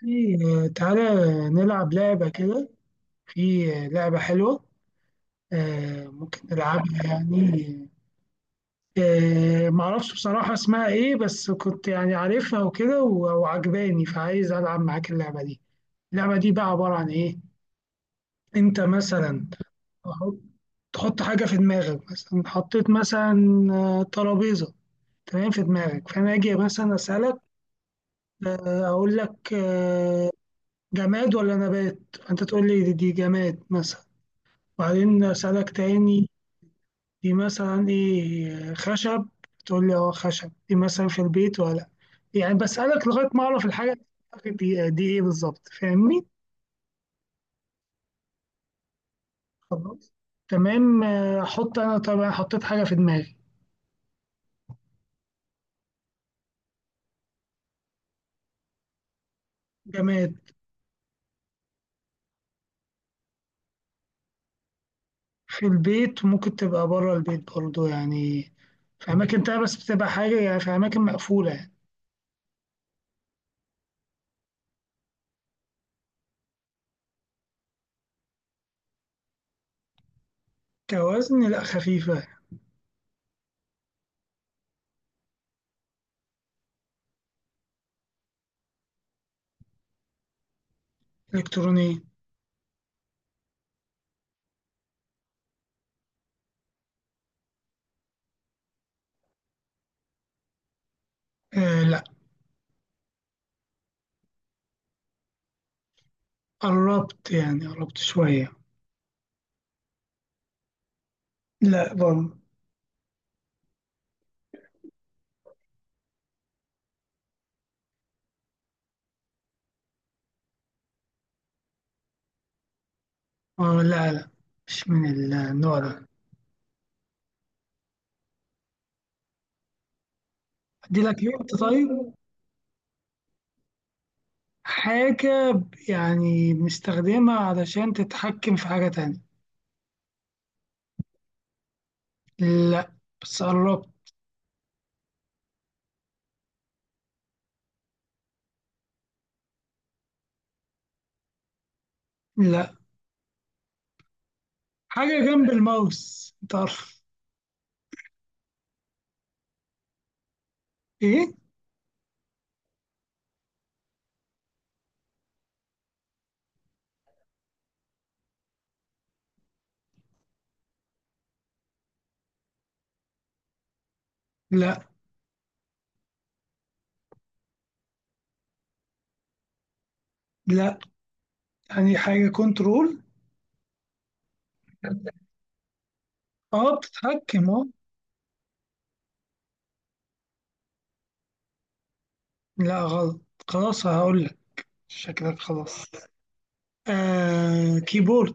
في تعالى نلعب لعبة كده. في لعبة حلوة. ممكن نلعبها يعني. معرفش بصراحة اسمها ايه، بس كنت يعني عارفها وكده وعجباني، فعايز ألعب معاك اللعبة دي. اللعبة دي بقى عبارة عن ايه؟ انت مثلا تحط تحط حاجة في دماغك، مثلا حطيت مثلا ترابيزة. تمام، في دماغك، فأنا أجي مثلا أسألك، أقول لك جماد ولا نبات، فأنت تقول لي دي جماد مثلا. وبعدين أسألك تاني، دي مثلا إيه؟ خشب. تقول لي أه خشب، دي مثلا في البيت ولا، يعني بسألك لغاية ما أعرف الحاجة دي إيه بالظبط، فاهمني؟ خلاص، تمام. أحط أنا طبعا، حطيت حاجة في دماغي. جماد. في البيت، وممكن تبقى بره البيت برضو يعني، في أماكن تانية، بس بتبقى حاجة يعني في أماكن مقفولة يعني. كوزن لأ، خفيفة. إلكترونية. آه لأ. قربت يعني، قربت شوية. لأ برضه. اه لا لا، مش من النوع ده. ادي لك هنت طيب. حاجة يعني بنستخدمها علشان تتحكم في حاجة تانية. لا، بس قربت. لا. حاجة جنب الماوس، انت عارف. ايه. لا لا. يعني حاجة كنترول. اه بتتحكم اه. لا غلط. خلاص هقول لك. شكلك خلاص. آه كيبورد.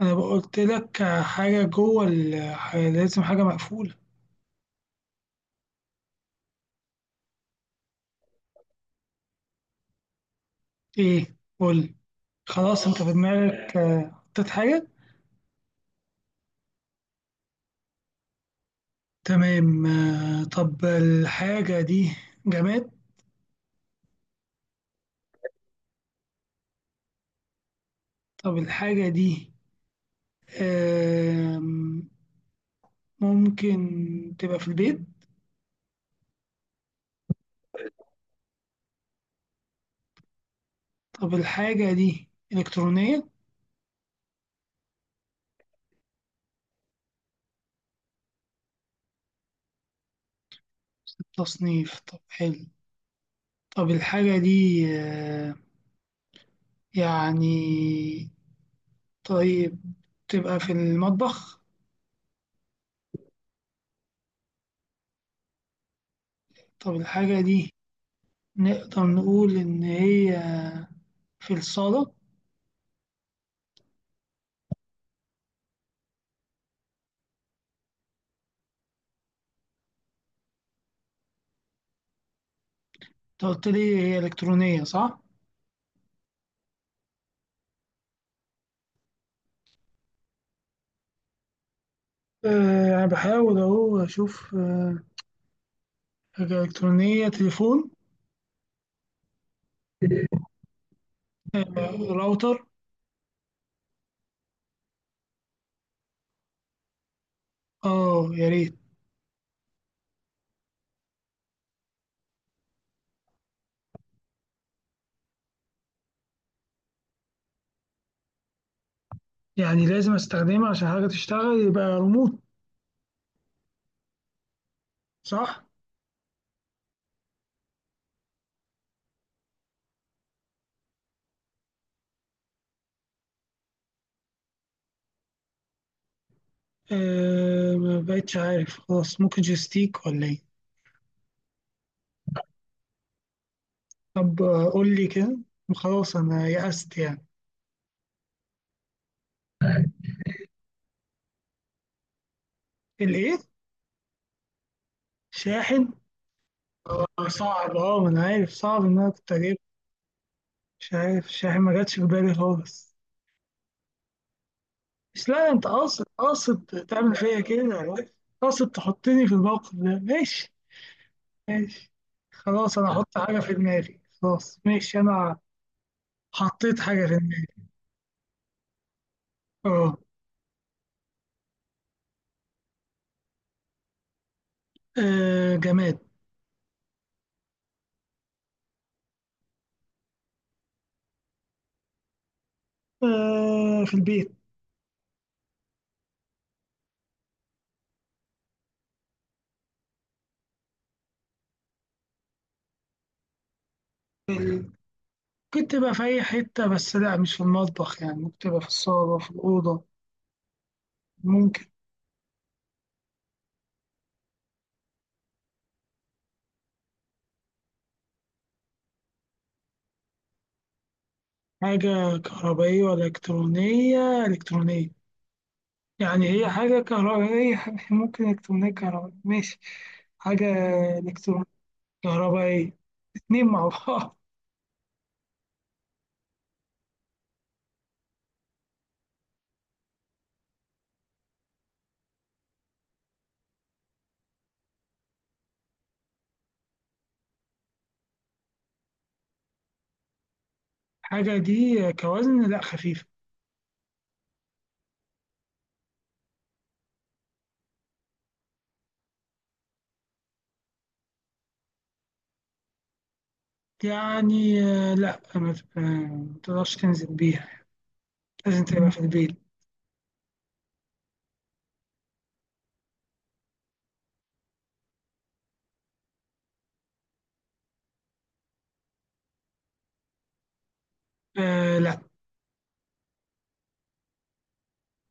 انا قلت لك حاجة جوه لازم حاجة مقفولة. ايه قول. خلاص انت في دماغك حطيت حاجة. تمام. طب الحاجة دي جماد. طب الحاجة دي آم، ممكن تبقى في البيت. طب الحاجة دي إلكترونية. تصنيف، طب حلو. طب الحاجة دي يعني، طيب، تبقى في المطبخ. طب الحاجة دي نقدر نقول إن هي في الصالة. انت قلت لي هي إلكترونية، صح؟ آه، أنا بحاول أهو أشوف حاجة إلكترونية. تليفون. راوتر. أه يا ريت. يعني لازم أستخدمها عشان حاجة تشتغل، يبقى ريموت، صح؟ أه ما بقتش عارف، خلاص، ممكن جيستيك ولا إيه؟ طب قول لي كده، خلاص أنا يأست يعني. الإيه؟ شاحن؟ صعب، أه ما أنا عارف، صعب إن أنا كنت أجيب. مش عارف، الشاحن ما جاتش في بالي خالص. بس لا، انت قاصد تعمل فيا كده، قاصد تحطني في الموقف ده، ماشي. ماشي. خلاص انا هحط حاجة في دماغي، خلاص ماشي انا. حطيت حاجة في دماغي. اه. جماد. آه، في البيت. ممكن تبقى في اي حتة، بس لا مش في المطبخ يعني، ممكن تبقى في الصالة، في الأوضة، ممكن. حاجة كهربائية ولا إلكترونية؟ إلكترونية. يعني هي حاجة كهربائية ممكن إلكترونية كهربائية، ماشي. حاجة إلكترونية كهربائية، اتنين مع بعض. حاجة دي كوزن لا، خفيفة. يعني لا، ما ت- آه، ما تقدرش تنزل بيها، لازم تبقى في البيت. آه لا.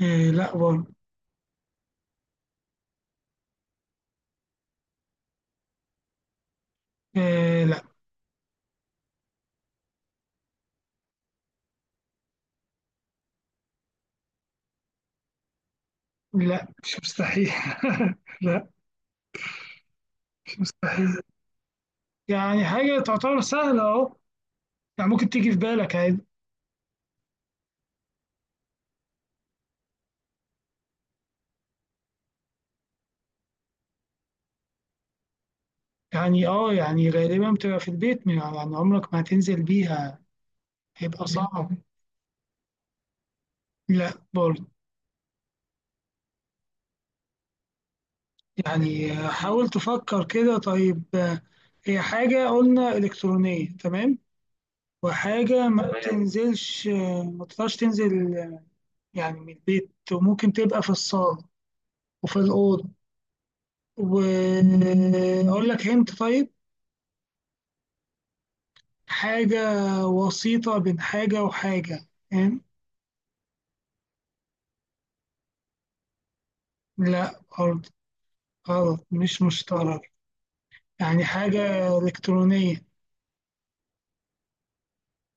آه لا برضه. آه لا. لا مش مستحيل. لا مش مستحيل، يعني حاجة تعتبر سهلة اهو، يعني ممكن تيجي في بالك عادي. يعني اه، يعني غالبا بتبقى في البيت يعني، عمرك ما هتنزل بيها، هيبقى صعب. لا برضه. يعني حاول تفكر كده، طيب هي حاجة قلنا إلكترونية، تمام، وحاجة ما تمام بتنزلش، ما تقدرش تنزل يعني من البيت، وممكن تبقى في الصالة وفي الأوضة. وأقول لك هنت، طيب. حاجة وسيطة بين حاجة وحاجة، فاهم؟ لا برضه، غلط، مش مشترك. يعني حاجة إلكترونية.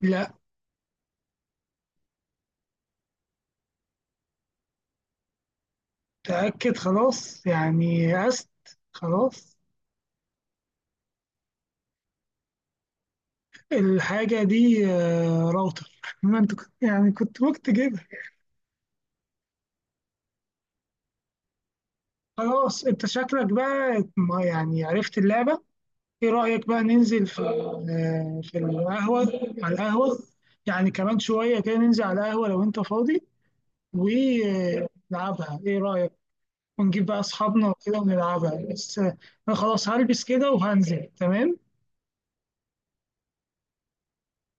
لا. تأكد خلاص يعني، أست، خلاص. الحاجة دي راوتر. ما انت كنت يعني كنت ممكن تجيبها. خلاص انت شكلك بقى ما يعني عرفت اللعبة. ايه رأيك بقى ننزل في في القهوة، على القهوة، يعني كمان شوية كده ننزل على القهوة لو انت فاضي ونلعبها، ايه رأيك؟ ونجيب بقى اصحابنا وكده ونلعبها، بس انا خلاص هلبس كده وهنزل. تمام.